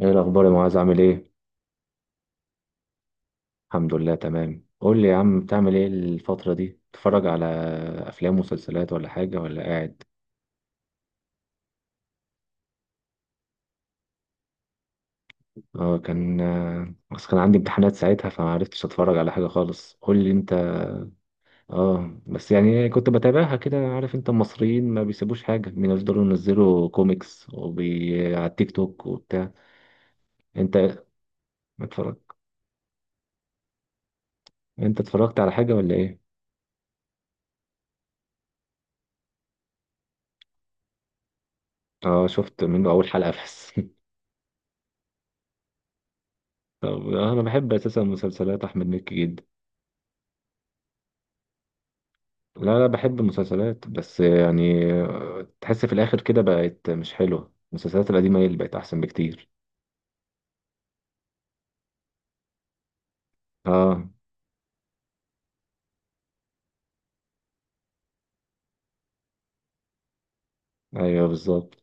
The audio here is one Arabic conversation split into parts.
ايه الاخبار يا معاذ عامل ايه؟ الحمد لله تمام. قول لي يا عم، بتعمل ايه الفتره دي؟ بتتفرج على افلام ومسلسلات ولا حاجه ولا قاعد؟ اه كان بس كان عندي امتحانات ساعتها فما عرفتش اتفرج على حاجه خالص. قول لي انت. اه بس يعني كنت بتابعها كده، عارف انت المصريين ما بيسيبوش حاجه، بينزلوا كوميكس على التيك توك وبتاع. انت اتفرج انت اتفرجت على حاجه ولا ايه؟ اه شفت منه اول حلقه بس. طب انا بحب اساسا مسلسلات احمد مكي جدا. لا لا، بحب المسلسلات، بس يعني تحس في الاخر كده بقت مش حلوه. المسلسلات القديمه هي اللي بقت احسن بكتير. اه، ايوه بالظبط.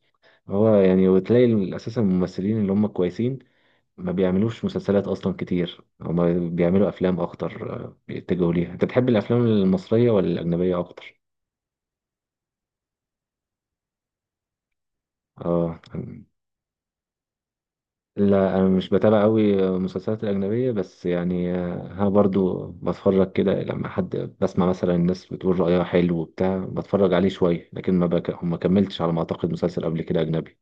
هو يعني وتلاقي اساسا الممثلين اللي هم كويسين ما بيعملوش مسلسلات اصلا كتير، هم بيعملوا افلام اكتر، بيتجهوا ليها. انت بتحب الافلام المصريه ولا الاجنبيه اكتر؟ اه، لا انا مش بتابع قوي مسلسلات الاجنبيه، بس يعني ها برضو بتفرج كده لما حد بسمع مثلا الناس بتقول رايها حلو وبتاع، بتفرج عليه شويه، لكن ما كملتش على ما اعتقد مسلسل قبل كده اجنبي.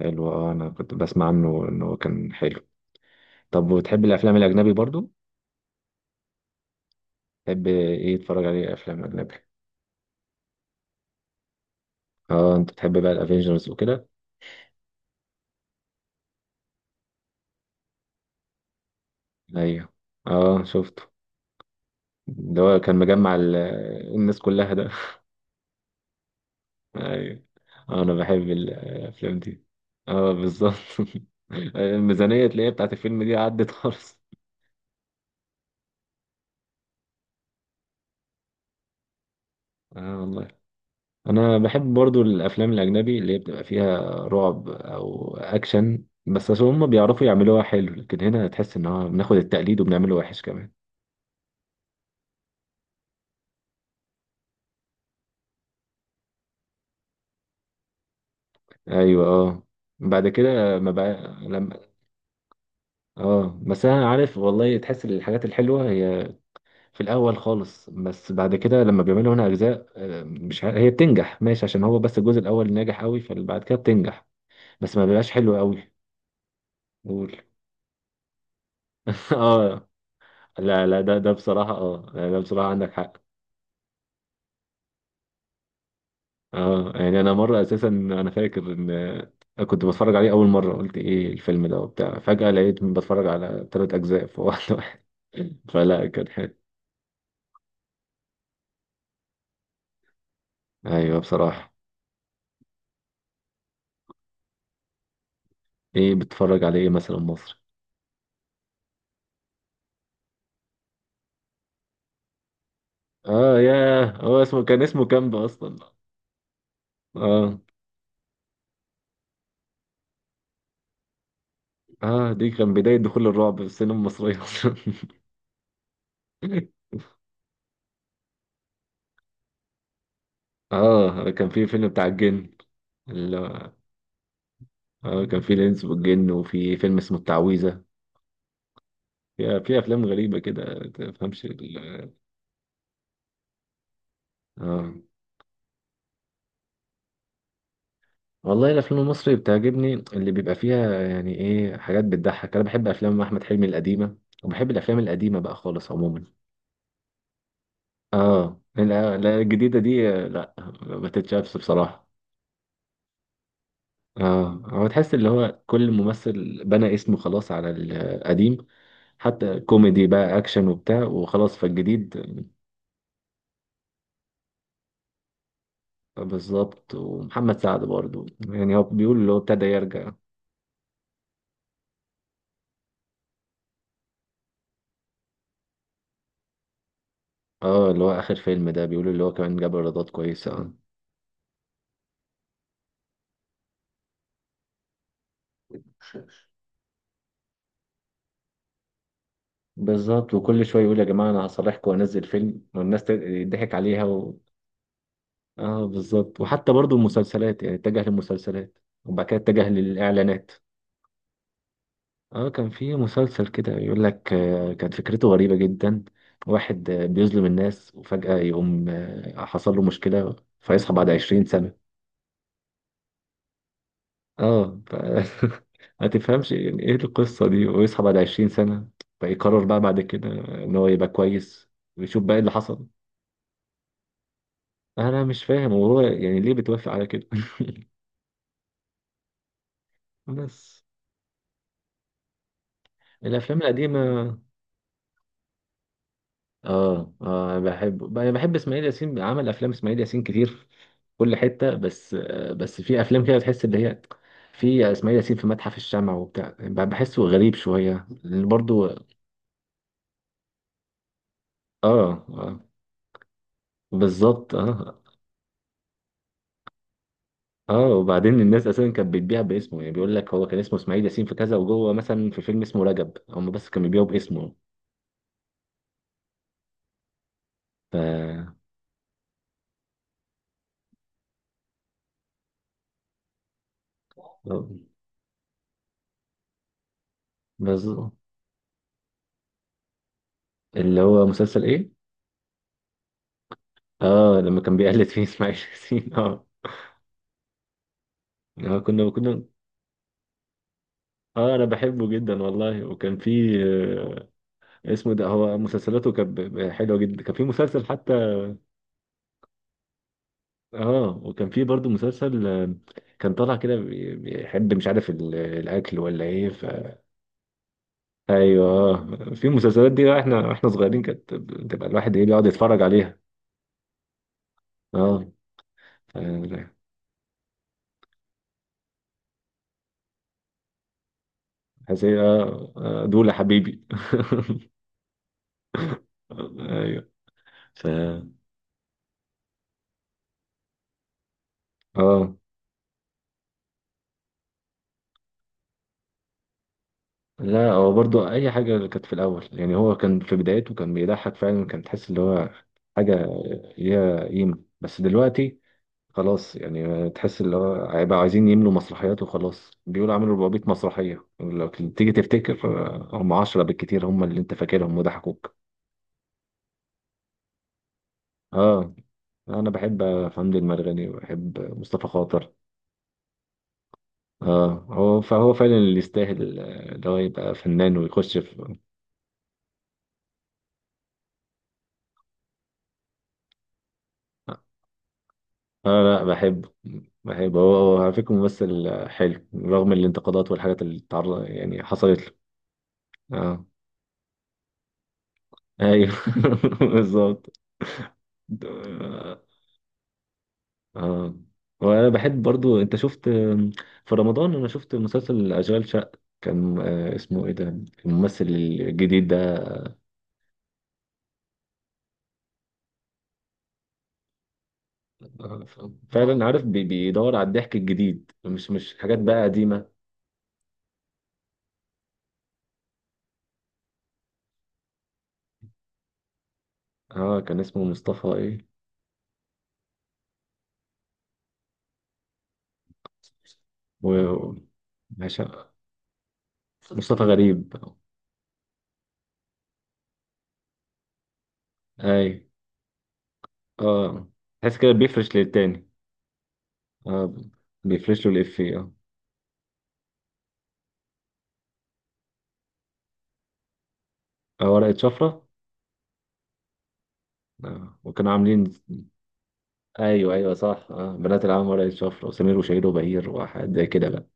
حلو، اه انا كنت بسمع عنه انه كان حلو. طب وتحب الافلام الاجنبي برضو؟ تحب ايه تتفرج عليه افلام اجنبي؟ اه انت تحب بقى الافينجرز وكده؟ ايوه اه شفته. ده هو كان مجمع الناس كلها ده. ايوه. انا بحب الافلام دي. اه بالظبط. الميزانيه تلاقيها بتاعت الفيلم دي عدت خالص. اه والله. انا بحب برضو الافلام الاجنبي اللي هي بتبقى فيها رعب او اكشن، بس عشان هم بيعرفوا يعملوها حلو، لكن هنا تحس ان هو بناخد التقليد وبنعمله وحش كمان. ايوه اه، بعد كده ما بقى لما، اه بس انا عارف والله، تحس ان الحاجات الحلوه هي في الاول خالص، بس بعد كده لما بيعملوا هنا اجزاء، مش ع- هي بتنجح ماشي عشان هو بس الجزء الاول ناجح قوي، فبعد كده بتنجح بس ما بيبقاش حلو قوي. قول. اه لا لا، ده بصراحه، اه لا ده بصراحه عندك حق. اه يعني انا مره اساسا فاكر ان كنت بتفرج عليه اول مره، قلت ايه الفيلم ده وبتاع، فجاه لقيت بتفرج على ثلاث اجزاء في واحد. فلا كان حلو. ايوه بصراحه. ايه بتتفرج على ايه مثلا مصر؟ اه ياه، هو اسمه كان اسمه كامب اصلا. اه اه، دي كان بداية دخول الرعب في السينما المصرية اصلا. اه كان في فيلم بتاع الجن. ال- اه كان في الانس والجن، وفي فيلم اسمه التعويذة. في في افلام غريبة كده ما تفهمش اه والله. الافلام المصري بتعجبني اللي بيبقى فيها يعني ايه، حاجات بتضحك. انا بحب افلام احمد حلمي القديمة، وبحب الافلام القديمة بقى خالص عموما. اه لا لا، الجديدة دي لا، ما تتشافش بصراحة. اه، هو تحس اللي هو كل ممثل بنى اسمه خلاص على القديم، حتى كوميدي بقى اكشن وبتاع وخلاص، فالجديد بالظبط. ومحمد سعد برضو، يعني هو بيقول اللي هو ابتدى يرجع. اه اللي هو اخر فيلم ده بيقول اللي هو كمان جاب ايرادات كويسة بالظبط. وكل شويه يقول يا جماعه انا هصالحكم وانزل فيلم والناس تضحك عليها اه بالظبط. وحتى برضو المسلسلات، يعني اتجه للمسلسلات وبعد كده اتجه للاعلانات. اه كان في مسلسل كده يقول لك كانت فكرته غريبة جدا. واحد بيظلم الناس، وفجأة يقوم حصل له مشكلة فيصحى بعد عشرين سنة. اه ف... ما تفهمش يعني ايه القصة دي، ويصحى بعد عشرين سنة فيقرر بقى بعد كده ان هو يبقى كويس ويشوف بقى إيه اللي حصل. انا مش فاهم هو يعني ليه بتوافق على كده. بس الافلام القديمة. اه اه، أنا بحب اسماعيل ياسين. عمل افلام اسماعيل ياسين كتير في كل حته، بس بس في افلام كده تحس اللي هي، في اسماعيل ياسين في متحف الشمع وبتاع، بحسه غريب شويه، لأن برضو اه. اه بالظبط. اه اه، وبعدين الناس اساسا كانت بتبيع باسمه، يعني بيقول لك هو كان اسمه اسماعيل ياسين في كذا وجوه، مثلا في فيلم اسمه رجب، هم بس كانوا بيبيعوا باسمه. ف آه، بالظبط. اللي هو مسلسل ايه؟ اه لما كان بيقلد فيه اسماعيل ياسين، اه كنا. اه انا بحبه جدا والله. وكان في اسمه ده، هو مسلسلاته كانت حلوه جدا. كان في مسلسل حتى، اه، وكان في برضو مسلسل كان طالع كده بيحب مش عارف الاكل ولا ايه ايوه اه. في المسلسلات دي بقى، احنا صغيرين، كانت بتبقى الواحد ايه، بيقعد يتفرج عليها. اه ف- حسيت اه دول يا حبيبي. ايوه ف. اه لا هو برضو اي حاجه كانت في الاول، يعني هو كان في بدايته كان بيضحك فعلا، كان تحس اللي هو حاجه ليها قيمه، بس دلوقتي خلاص. يعني تحس اللي هو هيبقى عايزين يملوا مسرحيات وخلاص، بيقولوا عملوا 400 مسرحيه، لو تيجي تفتكر هم 10 بالكتير هم اللي انت فاكرهم وضحكوك. اه انا بحب حمدي المرغني، وبحب مصطفى خاطر. اه هو فعلا اللي يستاهل اللي هو يبقى فنان ويخش في. اه لا بحبه. بحبه، هو على فكرة ممثل حلو، رغم الانتقادات والحاجات اللي تعرض يعني حصلت له. اه ايوه. بالظبط اه اه. وانا بحب برضو. انت شفت في رمضان؟ انا شفت مسلسل اشغال شقة، كان اسمه ايه ده الممثل الجديد ده، آه، فعلا عارف بيدور على الضحك الجديد، مش حاجات بقى قديمة. اه كان اسمه مصطفى ايه و هشام. مصطفى غريب. اي اه، تحس كده بيفرش للتاني. اه بيفرش له الإفيه اه. ورقة شفرة. وكانوا عاملين. ايوه ايوه صح. بنات العم، ورقة شفرة، وسمير وشهير وبهير، وحاجات زي كده بقى.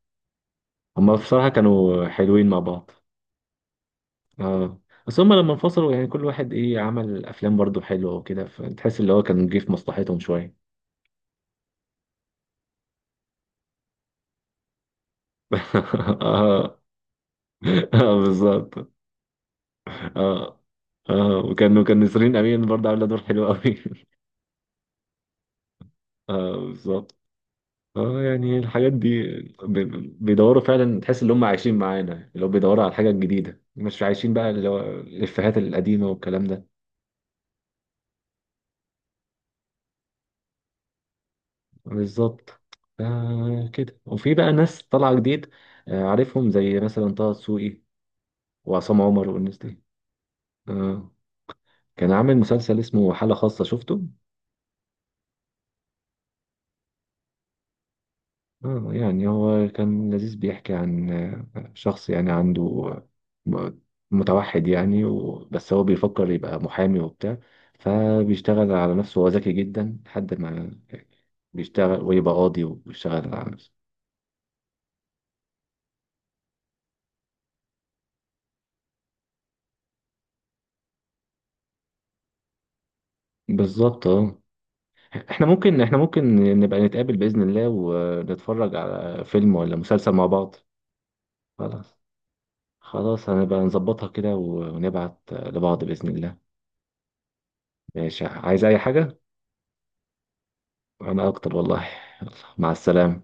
هما بصراحة كانوا حلوين مع بعض. اه بس هما لما انفصلوا يعني كل واحد ايه عمل افلام برضو حلوة وكده، فتحس اللي هو كان جه في مصلحتهم شوية. اه اه بالظبط اه اه. وكانوا كان نسرين امين برضه عامله دور حلو قوي. اه بالظبط. اه يعني الحاجات دي بيدوروا فعلا، تحس ان هم عايشين معانا، اللي هو بيدوروا على الحاجه الجديده، مش عايشين بقى اللي هو الافيهات القديمه والكلام ده. بالظبط. آه كده، وفي بقى ناس طالعه جديد، آه، عارفهم زي مثلا طه دسوقي وعصام عمر والناس دي. آه كان عامل مسلسل اسمه حالة خاصة، شفته؟ يعني هو كان لذيذ، بيحكي عن شخص يعني عنده آه، متوحد يعني بس هو بيفكر يبقى محامي وبتاع، فبيشتغل على نفسه، هو ذكي جدا، لحد ما بيشتغل ويبقى قاضي وبيشتغل على نفسه. بالظبط. اه، احنا ممكن نبقى نتقابل بإذن الله ونتفرج على فيلم ولا مسلسل مع بعض. خلاص، خلاص هنبقى نظبطها كده ونبعت لبعض بإذن الله. ماشي، عايز أي حاجة؟ أنا أكتر والله. يلا، مع السلامة.